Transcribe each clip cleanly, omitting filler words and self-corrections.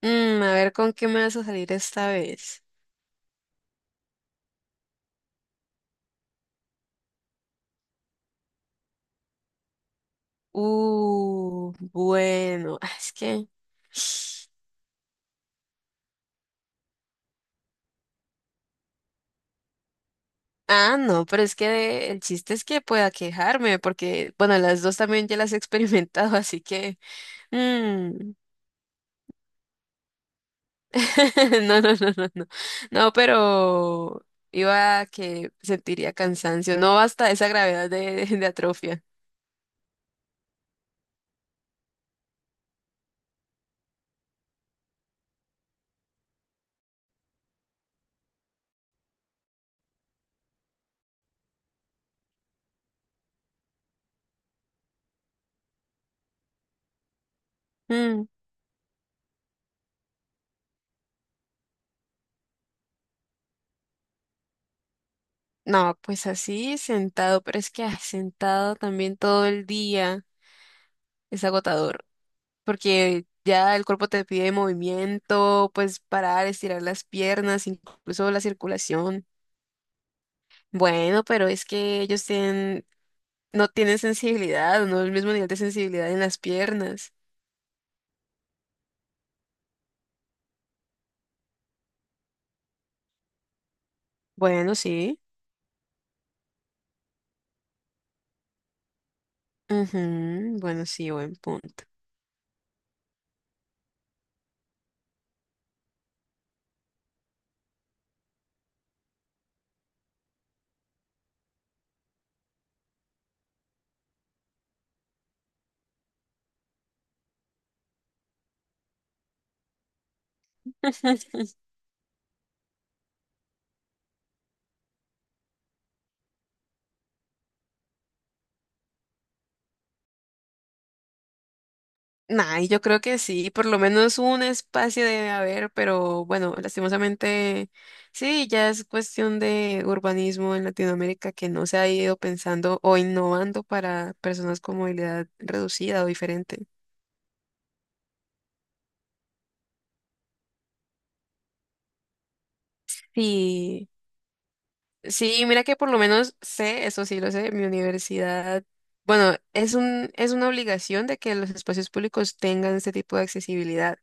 Mm, a ver con qué me vas a salir esta vez. Bueno, ah, es que... Ah, no, pero es que el chiste es que pueda quejarme, porque, bueno, las dos también ya las he experimentado, así que... mm, no, no, no, no, no. No, pero iba a que sentiría cansancio, no hasta esa gravedad de, de atrofia. Mm, no, pues así, sentado, pero es que sentado también todo el día es agotador. Porque ya el cuerpo te pide movimiento, pues parar, estirar las piernas, incluso la circulación. Bueno, pero es que ellos tienen, no tienen sensibilidad, no el mismo nivel de sensibilidad en las piernas. Bueno, sí. Ujú, bueno, sí, buen punto. Nah, y yo creo que sí, por lo menos un espacio debe haber, pero bueno, lastimosamente sí, ya es cuestión de urbanismo en Latinoamérica que no se ha ido pensando o innovando para personas con movilidad reducida o diferente. Sí, sí, mira que por lo menos sé, eso sí lo sé, mi universidad, bueno, es una obligación de que los espacios públicos tengan este tipo de accesibilidad.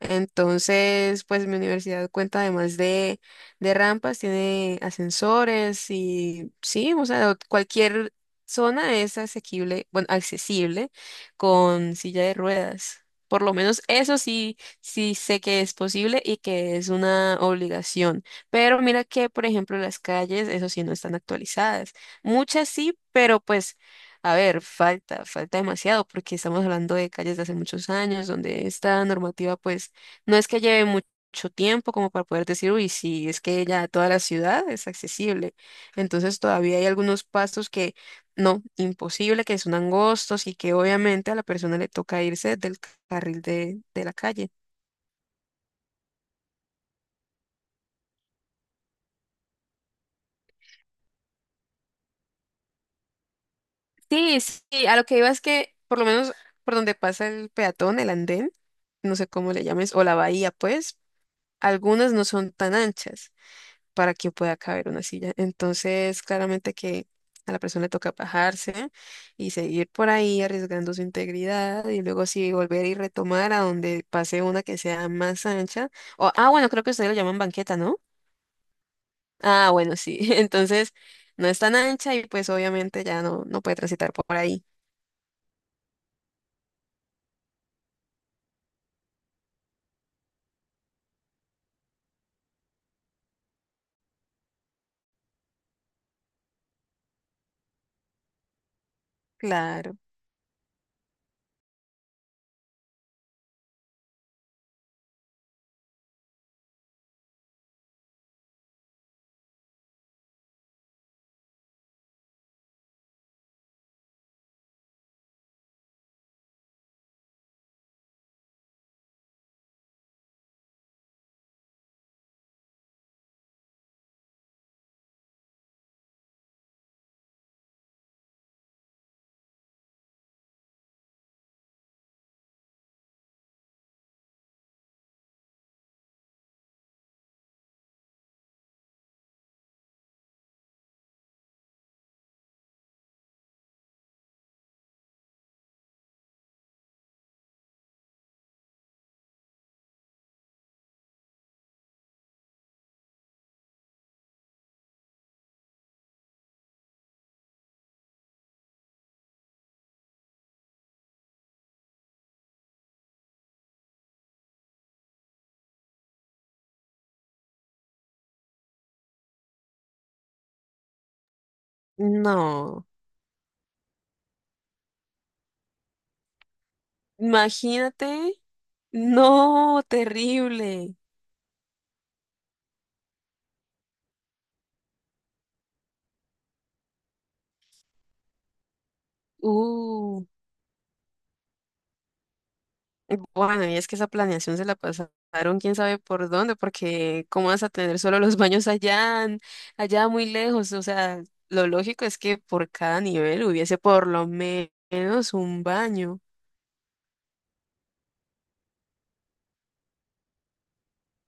Entonces, pues mi universidad cuenta además de rampas, tiene ascensores y sí, o sea, cualquier zona es asequible, bueno, accesible con silla de ruedas. Por lo menos eso sí, sí sé que es posible y que es una obligación. Pero mira que, por ejemplo, las calles, eso sí, no están actualizadas. Muchas sí, pero pues... A ver, falta demasiado porque estamos hablando de calles de hace muchos años donde esta normativa pues no es que lleve mucho tiempo como para poder decir, uy, sí, es que ya toda la ciudad es accesible. Entonces todavía hay algunos pastos que no, imposible, que son angostos y que obviamente a la persona le toca irse del de la calle. Sí, sí, a lo que iba es que por lo menos por donde pasa el peatón, el andén, no sé cómo le llames, o la bahía, pues, algunas no son tan anchas, para que pueda caber una silla. Entonces, claramente que a la persona le toca bajarse y seguir por ahí arriesgando su integridad y luego sí volver y retomar a donde pase una que sea más ancha. O, ah, bueno, creo que ustedes lo llaman banqueta, ¿no? Ah, bueno, sí. Entonces, no es tan ancha y pues obviamente ya no, no puede transitar por ahí. Claro. No. Imagínate. No, terrible. Uh. Bueno, y es que esa planeación se la pasaron quién sabe por dónde, porque cómo vas a tener solo los baños allá, allá muy lejos. O sea, lo lógico es que por cada nivel hubiese menos un baño.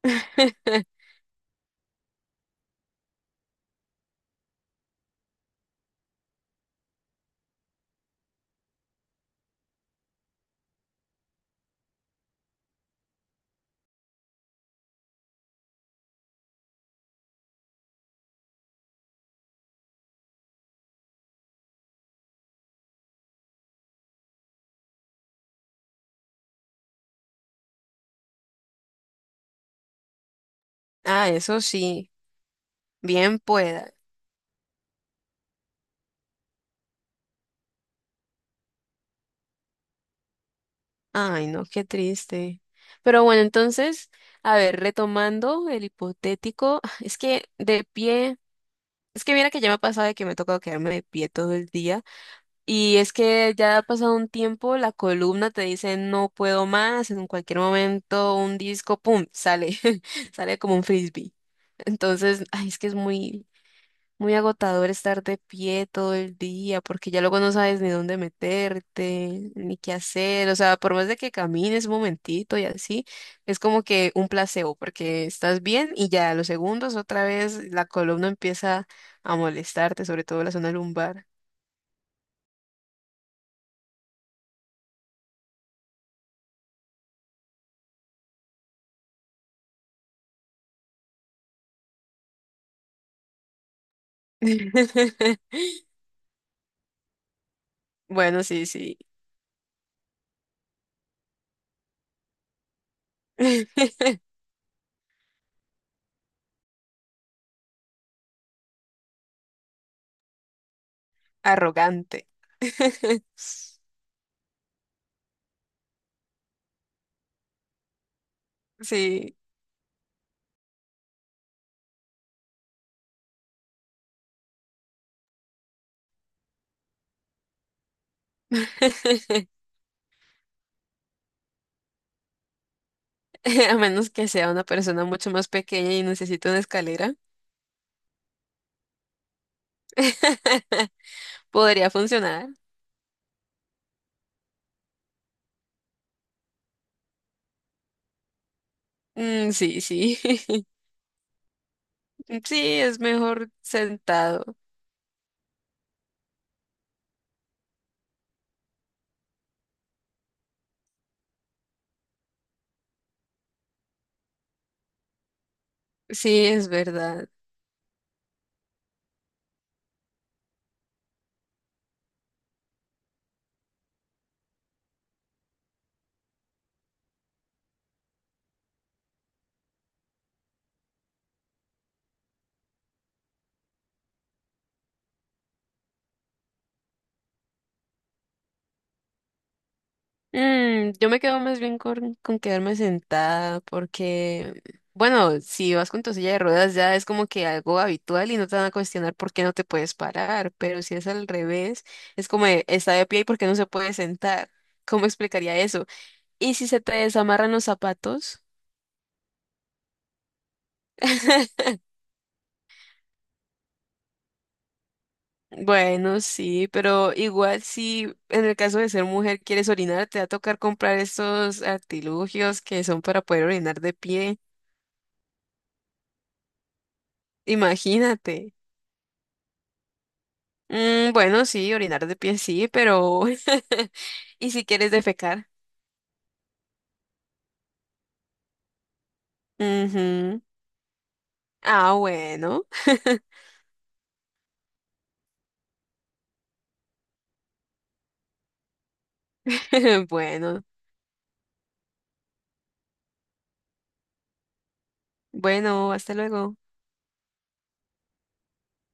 Ah, eso sí, bien pueda. Ay, no, qué triste. Pero bueno, entonces, a ver, retomando el hipotético, es que de pie, es que mira que ya me ha pasado de que me ha tocado quedarme de pie todo el día. Y es que ya ha pasado un tiempo, la columna te dice no puedo más, en cualquier momento un disco, ¡pum!, sale, sale como un frisbee. Entonces, ay, es que es muy agotador estar de pie todo el día, porque ya luego no sabes ni dónde meterte, ni qué hacer. O sea, por más de que camines un momentito y así, es como que un placebo, porque estás bien y ya a los segundos otra vez la columna empieza a molestarte, sobre todo la zona lumbar. Bueno, sí, sí. Arrogante. Sí. A menos que sea una persona mucho más pequeña y necesite una escalera, podría funcionar. Mm, sí, sí. Sí, es mejor sentado. Sí, es verdad. Mm, yo me quedo más bien con quedarme sentada porque, bueno, si vas con tu silla de ruedas ya es como que algo habitual y no te van a cuestionar por qué no te puedes parar, pero si es al revés, es como de, está de pie y por qué no se puede sentar. ¿Cómo explicaría eso? ¿Y si se te desamarran los zapatos? Bueno, sí, pero igual si en el caso de ser mujer quieres orinar, te va a tocar comprar estos artilugios que son para poder orinar de pie. Imagínate. Mm, bueno, sí, orinar de pie sí, pero... ¿Y si quieres defecar? Ujú. Ah, bueno. Bueno, bueno, hasta luego.